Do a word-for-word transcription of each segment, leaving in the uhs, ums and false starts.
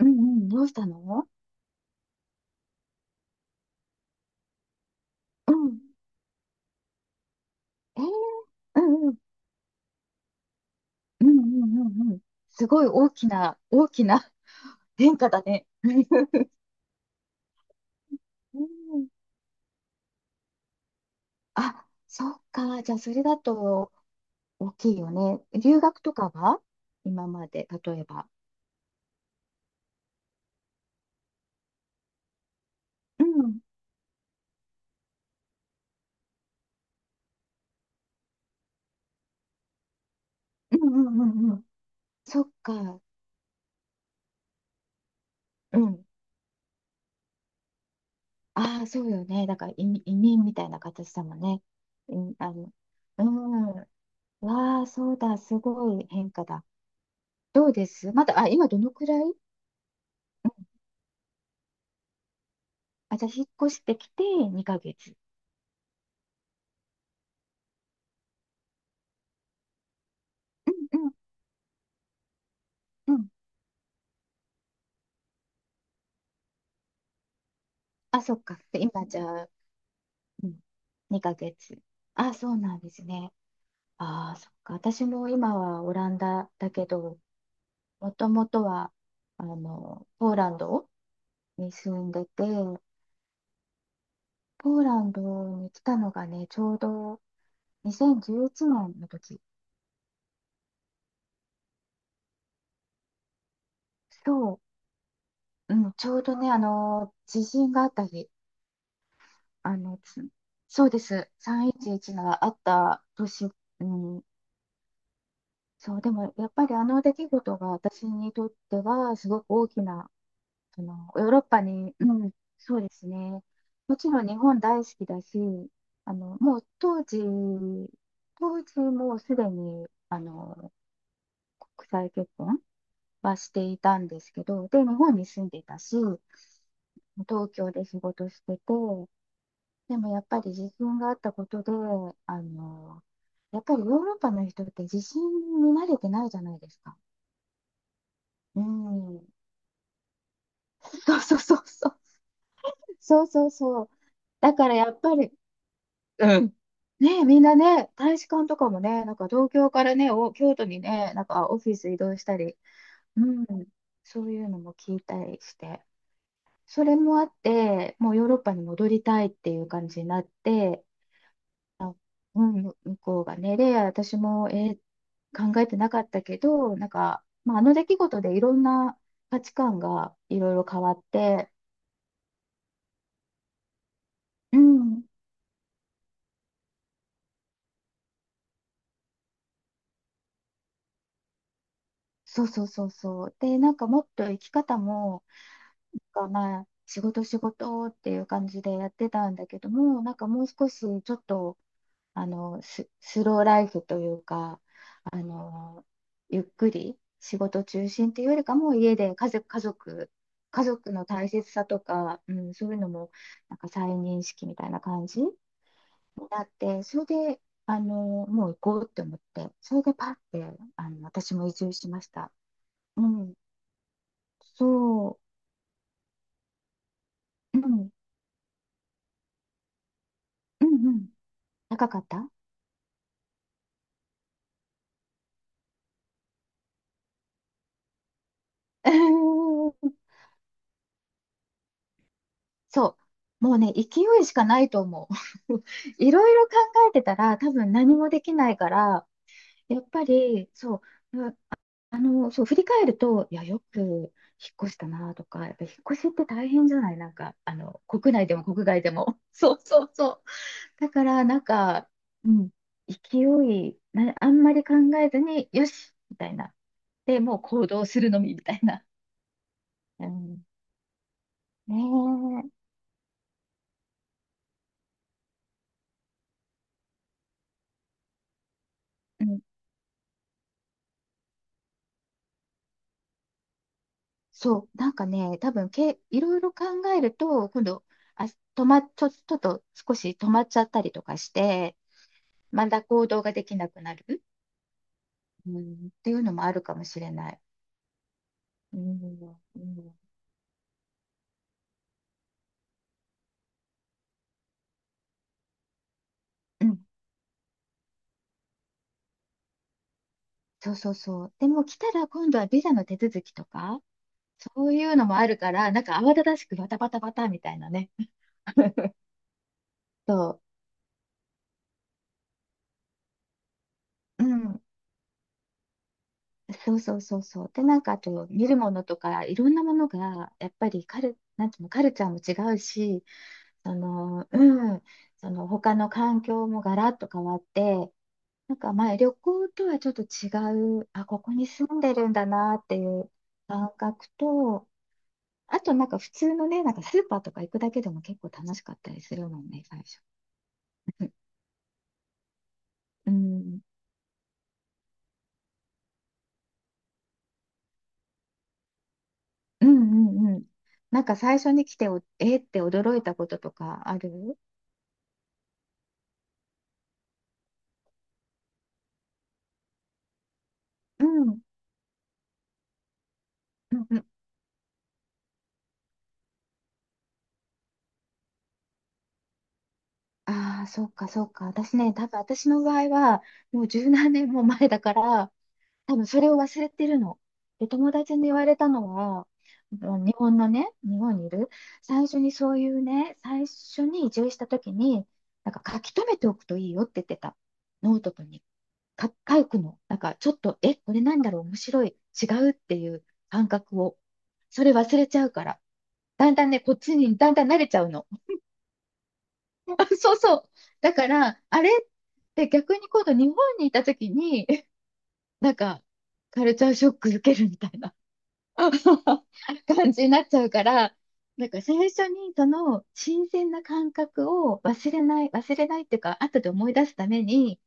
うんうん、どうしたの。うん。えー、うんうん、うんうんうんうん。すごい大きな、大きな 変化だね。うん。あ、そっか。じゃあ、それだと大きいよね。留学とかは今まで、例えば。うん、うんうんうんうん。そっか。うん。ああ、そうよね。だから移民、移民みたいな形だもんね。うん、あの、うん。わあ、そうだ。すごい変化だ。どうですまだ、あ、今どのくらい。あ、じゃあ、引っ越してきてにかげつ。うんうんうん。あ、そっか。で今、じゃあ、うん、にかげつ。あ、そうなんですね。ああ、そっか。私も今はオランダだけど、もともとは、あの、ポーランドに住んでて、ポーランドに来たのがね、ちょうどにせんじゅういちねんの時。そう、うん、ちょうどね、あの、地震があった日、あの、つそうです、さんいちいちがあった年、うん、そう、でもやっぱりあの出来事が私にとってはすごく大きな、そのヨーロッパに、うん、そうですね、もちろん日本大好きだし、あのもう当時、当時もうすでにあの国際結婚はしていたんですけど、で、日本に住んでいたし、東京で仕事してて、でもやっぱり自震があったことで、あのやっぱりヨーロッパの人って自信に慣れてないじゃないですか。うん、そうそうそうそう。そうそうそう。だからやっぱり、うん。ねえ、みんなね、大使館とかもね、なんか東京からね、お、京都にね、なんかオフィス移動したり、うん、そういうのも聞いたりして、それもあって、もうヨーロッパに戻りたいっていう感じになって、あ、うん、向こうがね、で、私も、えー考えてなかったけど、なんか、まあ、あの出来事でいろんな価値観がいろいろ変わって、うん、そうそうそうそう。で、なんかもっと生き方も、なんかまあ、仕事仕事っていう感じでやってたんだけども、なんかもう少しちょっと、あの、ス、スローライフというか、あの、ゆっくり仕事中心っていうよりかも、家で家族、家族、家族の大切さとか、うん、そういうのも、なんか再認識みたいな感じになって、それで、あの、もう行こうって思って、それでパッて、あの、私も移住しました。うん。そう、うん、うんうん、高かった。うーん。 そう、もうね、勢いしかないと思う。いろいろ考えてたら、多分何もできないから、やっぱり、そう、ま、あ、あの、そう、振り返ると、いや、よく引っ越したなとか、やっぱ引っ越しって大変じゃないなんか、あの、国内でも国外でも。そうそうそう。だから、なんか、うん、勢い、な、あんまり考えずに、よしみたいな。で、もう行動するのみ、みたいな。うん。ねえ。うん。そう。なんかね、多分け、いろいろ考えると、今度、あ、止ま、ちょ、ちょっと少し止まっちゃったりとかして、まだ行動ができなくなる、うん、っていうのもあるかもしれない。うん。うん。うん。そうそうそう。でも来たら今度はビザの手続きとか、そういうのもあるから、なんか慌ただしくバタバタバタみたいなね。そう。うん。そうそうそうそう。で、なんかあと見るものとかいろんなものがやっぱりカル、なんていうの、カルチャーも違うし、その、うん、その他の環境もガラッと変わって、なんかまあ旅行とはちょっと違う、あ、ここに住んでるんだなっていう感覚と、あとなんか普通のね、なんかスーパーとか行くだけでも結構楽しかったりするもんね、最初。うん、うんうんうん。なんか最初に来てお、えーって驚いたこととかある。うん。うんうん。ああ、そうか、そうか。私ね、多分私の場合は、もう十何年も前だから、多分それを忘れてるの。で、友達に言われたのは、あの日本のね、日本にいる、最初にそういうね、最初に移住した時に、なんか書き留めておくといいよって言ってた。ノートとにか書くの。なんかちょっと、え、これなんだろう、面白い、違うっていう感覚を。それ忘れちゃうから。だんだんね、こっちにだんだん慣れちゃうの。あそうそう。だから、あれって逆に今度日本にいた時に、なんか、カルチャーショック受けるみたいな 感じになっちゃうから、なんか最初にその新鮮な感覚を忘れない、忘れないっていうか、後で思い出すために、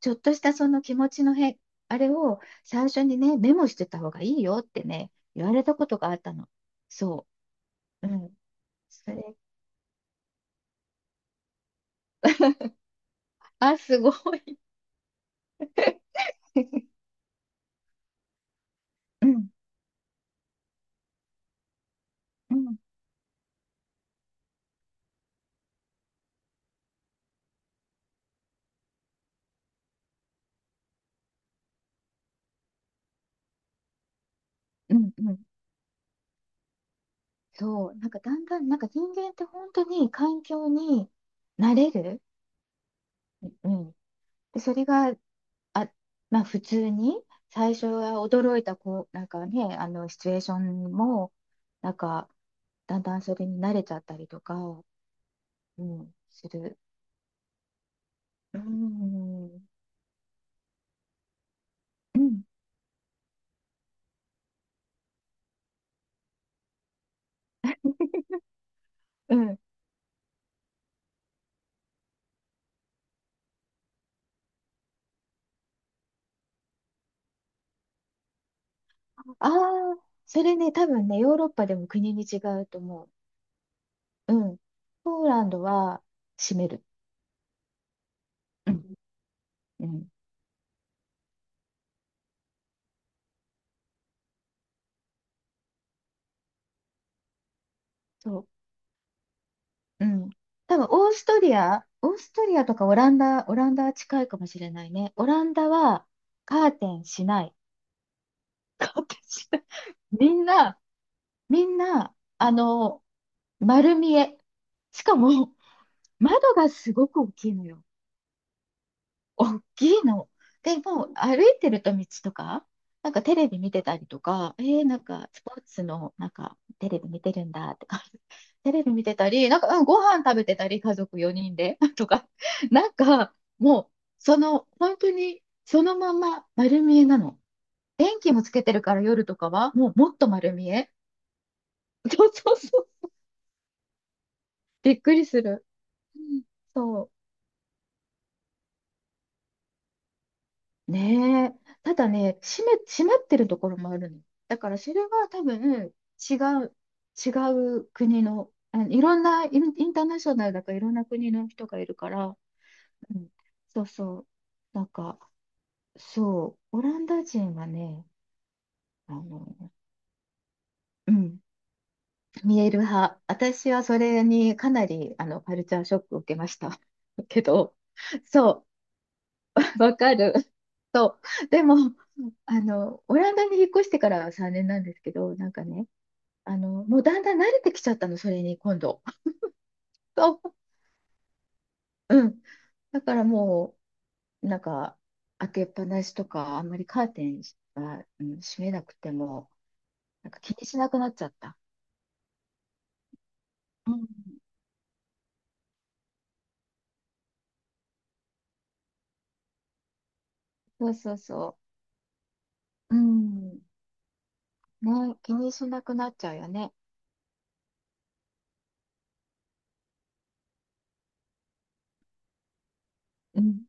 ちょっとしたその気持ちの変、あれを最初にね、メモしてた方がいいよってね、言われたことがあったの。そう。うん。それ、あ、すごい。うん。うんうんうん。そう。なんかだんだん、なんか人間って本当に環境に慣れる。うん。で、それが、あ、まあ普通に、最初は驚いたこう、なんかね、あの、シチュエーションも、なんか、だんだんそれに慣れちゃったりとか、うん、する。うん。うん。うん。ああ、それね、多分ね、ヨーロッパでも国に違うと思う。うん。ポーランドは閉める。うん。うん。そう。うん。多分、オーストリア、オーストリアとかオランダ、オランダは近いかもしれないね。オランダはカーテンしない。カーテンしない。みんな、みんな、あの、丸見え。しかも、窓がすごく大きいのよ。大きいの。で、もう歩いてると道とか、なんかテレビ見てたりとか、えー、なんかスポーツの、なんかテレビ見てるんだとか、テレビ見てたり、なんか、うん、ご飯食べてたり、家族よにんで とか、なんか、もう、その、本当に、そのまま丸見えなの。電気もつけてるから夜とかは、もうもっと丸見え。そうそうそう。びっくりする。うん。そう。ねえ。ただね、閉め、閉まってるところもあるの。だからそれは多分違う、違う国の、あのいろんな、イン、インターナショナルだからいろんな国の人がいるから、うん、そうそう。なんか、そう、オランダ人はね、あの、うん、見える派。私はそれにかなり、あの、カルチャーショックを受けました。けど、そう、わかる。そう。でも、あの、オランダに引っ越してからはさんねんなんですけど、なんかね、あの、もうだんだん慣れてきちゃったの、それに今度。そううん。だからもう、なんか、開けっぱなしとか、あんまりカーテンが、うん、閉めなくても、なんか気にしなくなっちゃった。うん。そうそうそう。うん。ね、気にしなくなっちゃうよね。うん。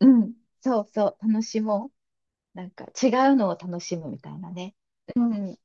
うん。そうそう。楽しもう。なんか、違うのを楽しむみたいなね。うん。